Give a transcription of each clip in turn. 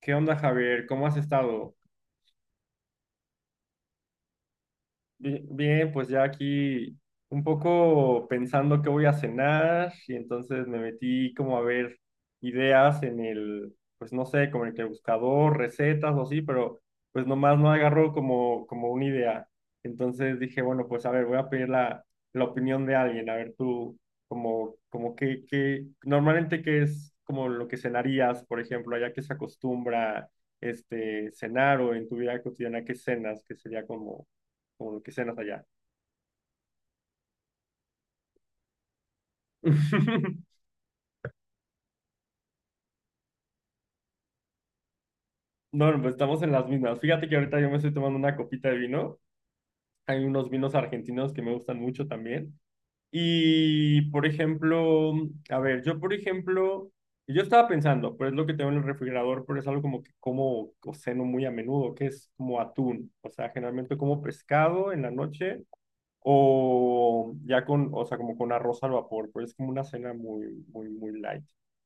¿Qué onda, Javier? ¿Cómo has estado? Bien, pues ya aquí un poco pensando qué voy a cenar y entonces me metí como a ver ideas pues no sé, como en el que buscador, recetas o así, pero pues nomás no agarró como una idea. Entonces dije, bueno, pues a ver, voy a pedir la, opinión de alguien, a ver tú, como qué normalmente qué es como lo que cenarías, por ejemplo, allá que se acostumbra cenar o en tu vida cotidiana qué cenas, que sería como lo que cenas allá. No, no, pues estamos en las mismas. Fíjate que ahorita yo me estoy tomando una copita de vino. Hay unos vinos argentinos que me gustan mucho también. Y, por ejemplo, a ver, yo, por ejemplo, yo estaba pensando, pero es lo que tengo en el refrigerador, pero es algo como que como o ceno muy a menudo, que es como atún. O sea, generalmente como pescado en la noche o ya con, o sea, como con arroz al vapor, pero es como una cena muy, muy, muy light.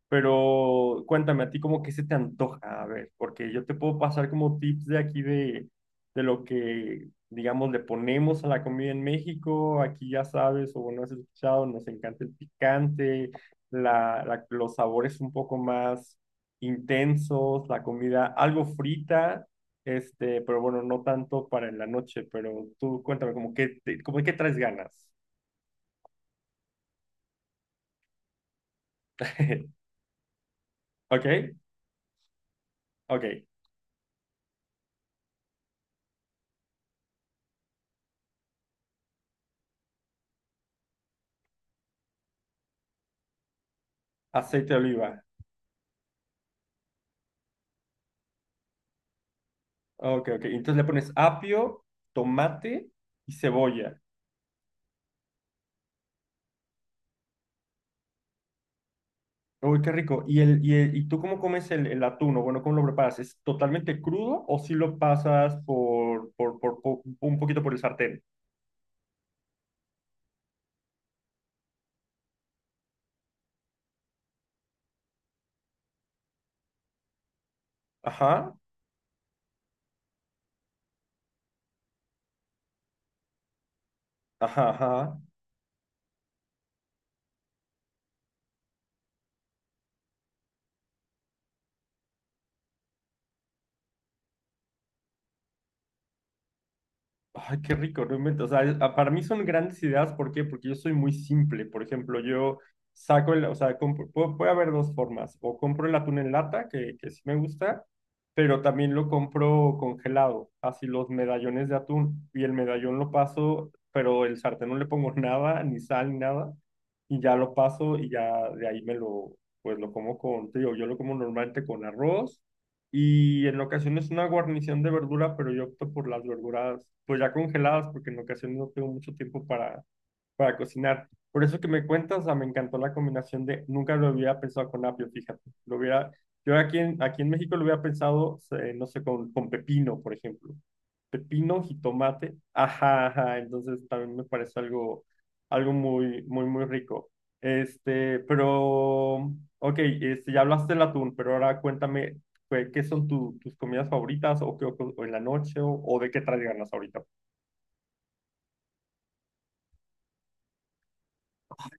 Pero cuéntame, a ti como que se te antoja, a ver, porque yo te puedo pasar como tips de aquí de lo que, digamos, le ponemos a la comida en México, aquí ya sabes, o no has escuchado, nos encanta el picante, la, los sabores un poco más intensos, la comida algo frita pero bueno, no tanto para en la noche, pero tú cuéntame, como que traes ganas. ¿Ok? Ok. Aceite de oliva. Ok, ok. Entonces le pones apio, tomate y cebolla. Uy, qué rico. ¿Y tú cómo comes el atún? O bueno, ¿cómo lo preparas? ¿Es totalmente crudo o si lo pasas por un poquito por el sartén? Ajá, ajá, ajá. Ay, qué rico, no invento. O sea, para mí son grandes ideas. ¿Por qué? Porque yo soy muy simple. Por ejemplo, yo saco el, o sea, puede haber dos formas. O compro el atún en lata, que sí me gusta, pero también lo compro congelado. Así los medallones de atún. Y el medallón lo paso, pero el sartén no le pongo nada, ni sal, ni nada. Y ya lo paso y ya de ahí me lo, pues lo como con, te digo, yo lo como normalmente con arroz y en ocasiones una guarnición de verdura, pero yo opto por las verduras, pues ya congeladas, porque en ocasiones no tengo mucho tiempo para cocinar. Por eso que me cuentas, o sea, me encantó la combinación de, nunca lo hubiera pensado con apio, fíjate. Lo hubiera, yo aquí aquí en México lo hubiera pensado, no sé, con pepino, por ejemplo pepino, jitomate. Ajá, ajá. Entonces también me parece algo muy, muy, muy rico. Pero, ok, ya hablaste del atún, pero ahora cuéntame pues, qué son tus comidas favoritas o, qué, o en la noche o de qué traes ganas ahorita.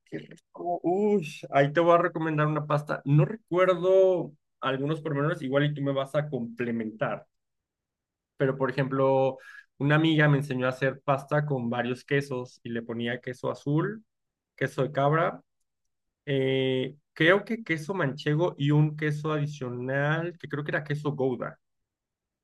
Qué rico. Uy, ahí te voy a recomendar una pasta. No recuerdo algunos pormenores, igual y tú me vas a complementar, pero por ejemplo, una amiga me enseñó a hacer pasta con varios quesos y le ponía queso azul, queso de cabra, creo que queso manchego y un queso adicional, que creo que era queso gouda.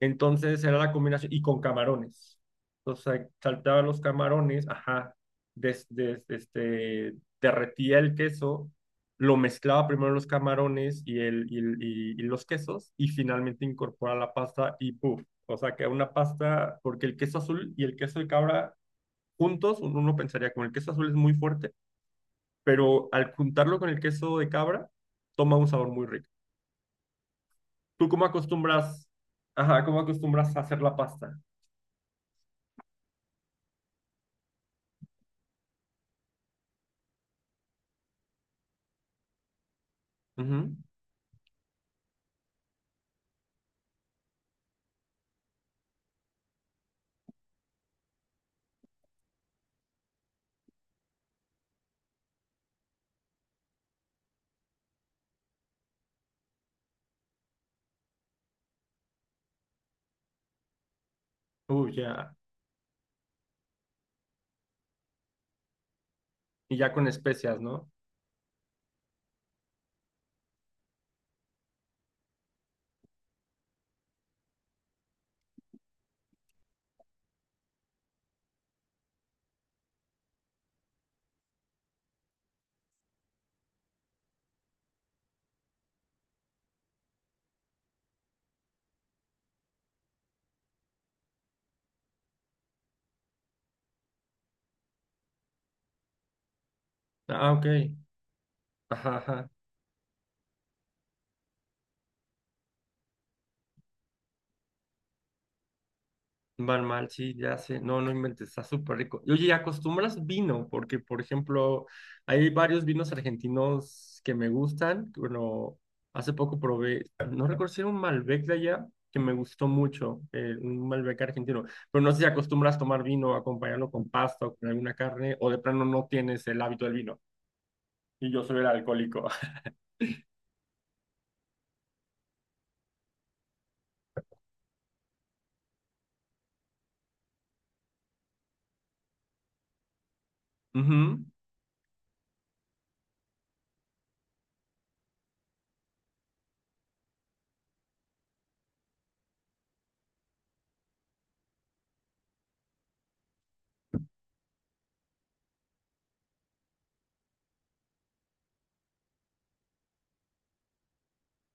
Entonces era la combinación, y con camarones. Entonces saltaba los camarones, ajá, des- des- este, derretía el queso, lo mezclaba primero los camarones y los quesos, y finalmente incorpora la pasta y ¡puf! O sea, que una pasta, porque el queso azul y el queso de cabra juntos, uno pensaría, como el queso azul es muy fuerte, pero al juntarlo con el queso de cabra, toma un sabor muy rico. ¿Tú cómo acostumbras, ajá, cómo acostumbras a hacer la pasta? Ujú. Uy ya. Y ya con especias, ¿no? Ah, ok. Ajá, ajá. Van mal, sí, ya sé. No, no inventes, está súper rico. Y oye, ¿y acostumbras vino? Porque, por ejemplo, hay varios vinos argentinos que me gustan. Bueno, hace poco probé, no recuerdo si era un Malbec de allá, que me gustó mucho, un Malbec argentino. Pero no sé si acostumbras tomar vino, acompañarlo con pasta o con alguna carne, o de plano no tienes el hábito del vino. Y yo soy el alcohólico. Ujú,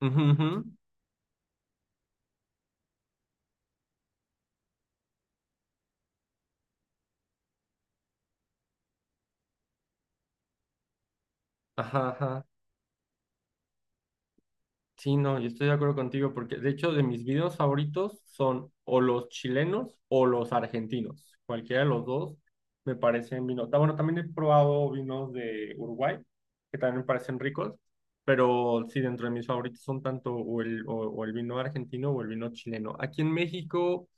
ujú, ujú. Ajá, ajá. Sí, no, yo estoy de acuerdo contigo porque de hecho de mis videos favoritos son o los chilenos o los argentinos. Cualquiera de los dos me parecen vinos. Ah, bueno, también he probado vinos de Uruguay que también me parecen ricos, pero sí, dentro de mis favoritos son tanto o el vino argentino o el vino chileno. Aquí en México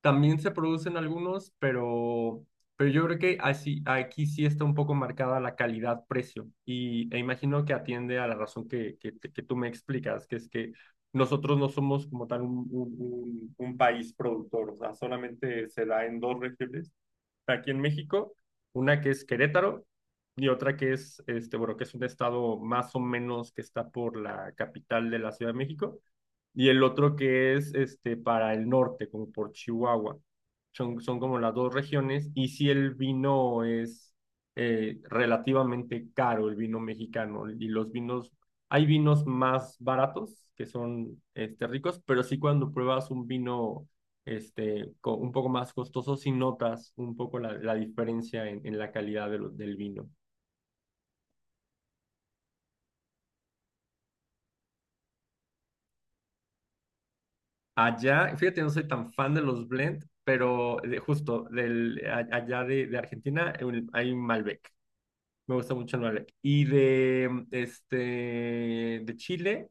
también se producen algunos, pero yo creo que así, aquí sí está un poco marcada la calidad-precio e imagino que atiende a la razón que tú me explicas, que es que nosotros no somos como tal un país productor, o sea, solamente se da en dos regiones, aquí en México, una que es Querétaro y otra que es, bueno, que es un estado más o menos que está por la capital de la Ciudad de México y el otro que es para el norte, como por Chihuahua. Son como las dos regiones, y si el vino es relativamente caro, el vino mexicano, y los vinos, hay vinos más baratos que son ricos, pero sí cuando pruebas un vino un poco más costoso, sí notas un poco la diferencia en la calidad de del vino. Allá, fíjate, no soy tan fan de los blend, pero justo allá de Argentina hay Malbec. Me gusta mucho el Malbec. Y de Chile,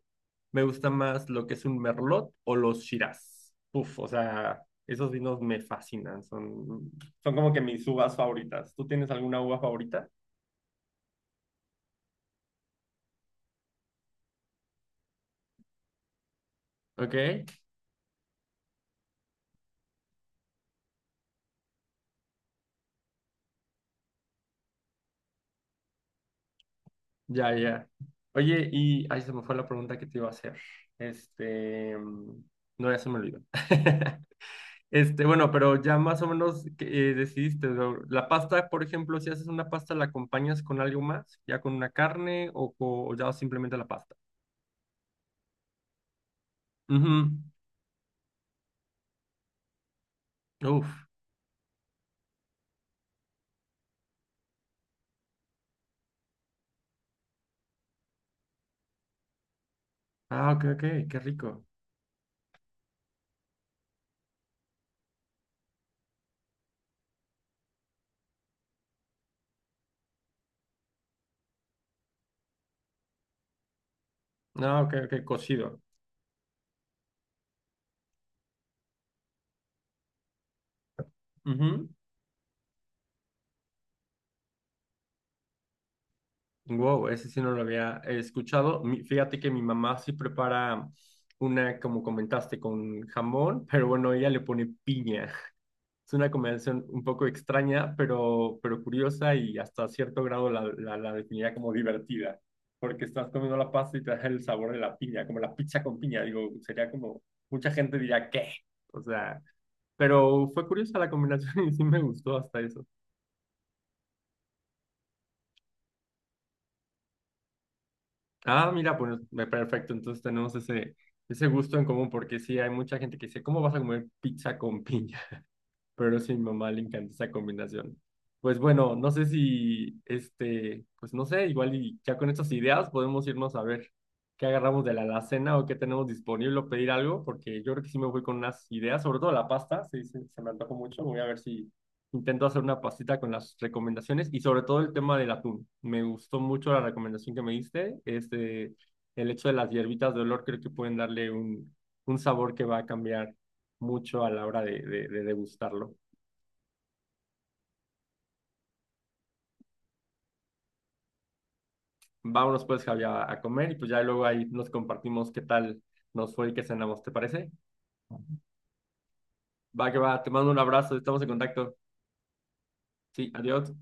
me gusta más lo que es un Merlot o los Shiraz. Uf, o sea, esos vinos me fascinan. Son como que mis uvas favoritas. ¿Tú tienes alguna uva favorita? Ok, ya, ya. Oye, y ahí se me fue la pregunta que te iba a hacer. Este, mm, no, ya se me olvidó. Bueno, pero ya más o menos que, decidiste, ¿no? La pasta, por ejemplo, si haces una pasta, ¿la acompañas con algo más? ¿Ya con una carne o ya simplemente la pasta? Ujú. Uf. Ah, ok, ok, qué rico. Ah, ok, ok, cocido. Ujú. Wow, ese sí no lo había escuchado. Fíjate que mi mamá sí prepara una, como comentaste, con jamón, pero bueno, ella le pone piña. Es una combinación un poco extraña, pero curiosa y hasta cierto grado la definiría como divertida, porque estás comiendo la pasta y te da el sabor de la piña, como la pizza con piña, digo, sería como, mucha gente diría, ¿qué? O sea, pero fue curiosa la combinación y sí me gustó hasta eso. Ah, mira, pues perfecto, entonces tenemos ese, gusto en común, porque sí hay mucha gente que dice, ¿cómo vas a comer pizza con piña. Pero sí, a mi mamá le encanta esa combinación. Pues bueno, no sé si, pues no sé, igual y ya con estas ideas podemos irnos a ver qué agarramos de la alacena o qué tenemos disponible o pedir algo, porque yo creo que sí me voy con unas ideas, sobre todo la pasta, sí, se me antojó mucho, voy a ver si intento hacer una pastita con las recomendaciones y sobre todo el tema del atún. Me gustó mucho la recomendación que me diste, el hecho de las hierbitas de olor creo que pueden darle un, sabor que va a cambiar mucho a la hora de degustarlo. Vámonos pues, Javi, a comer y pues ya luego ahí nos compartimos qué tal nos fue y qué cenamos, ¿te parece? Va que va, te mando un abrazo, estamos en contacto. Sí, adiós.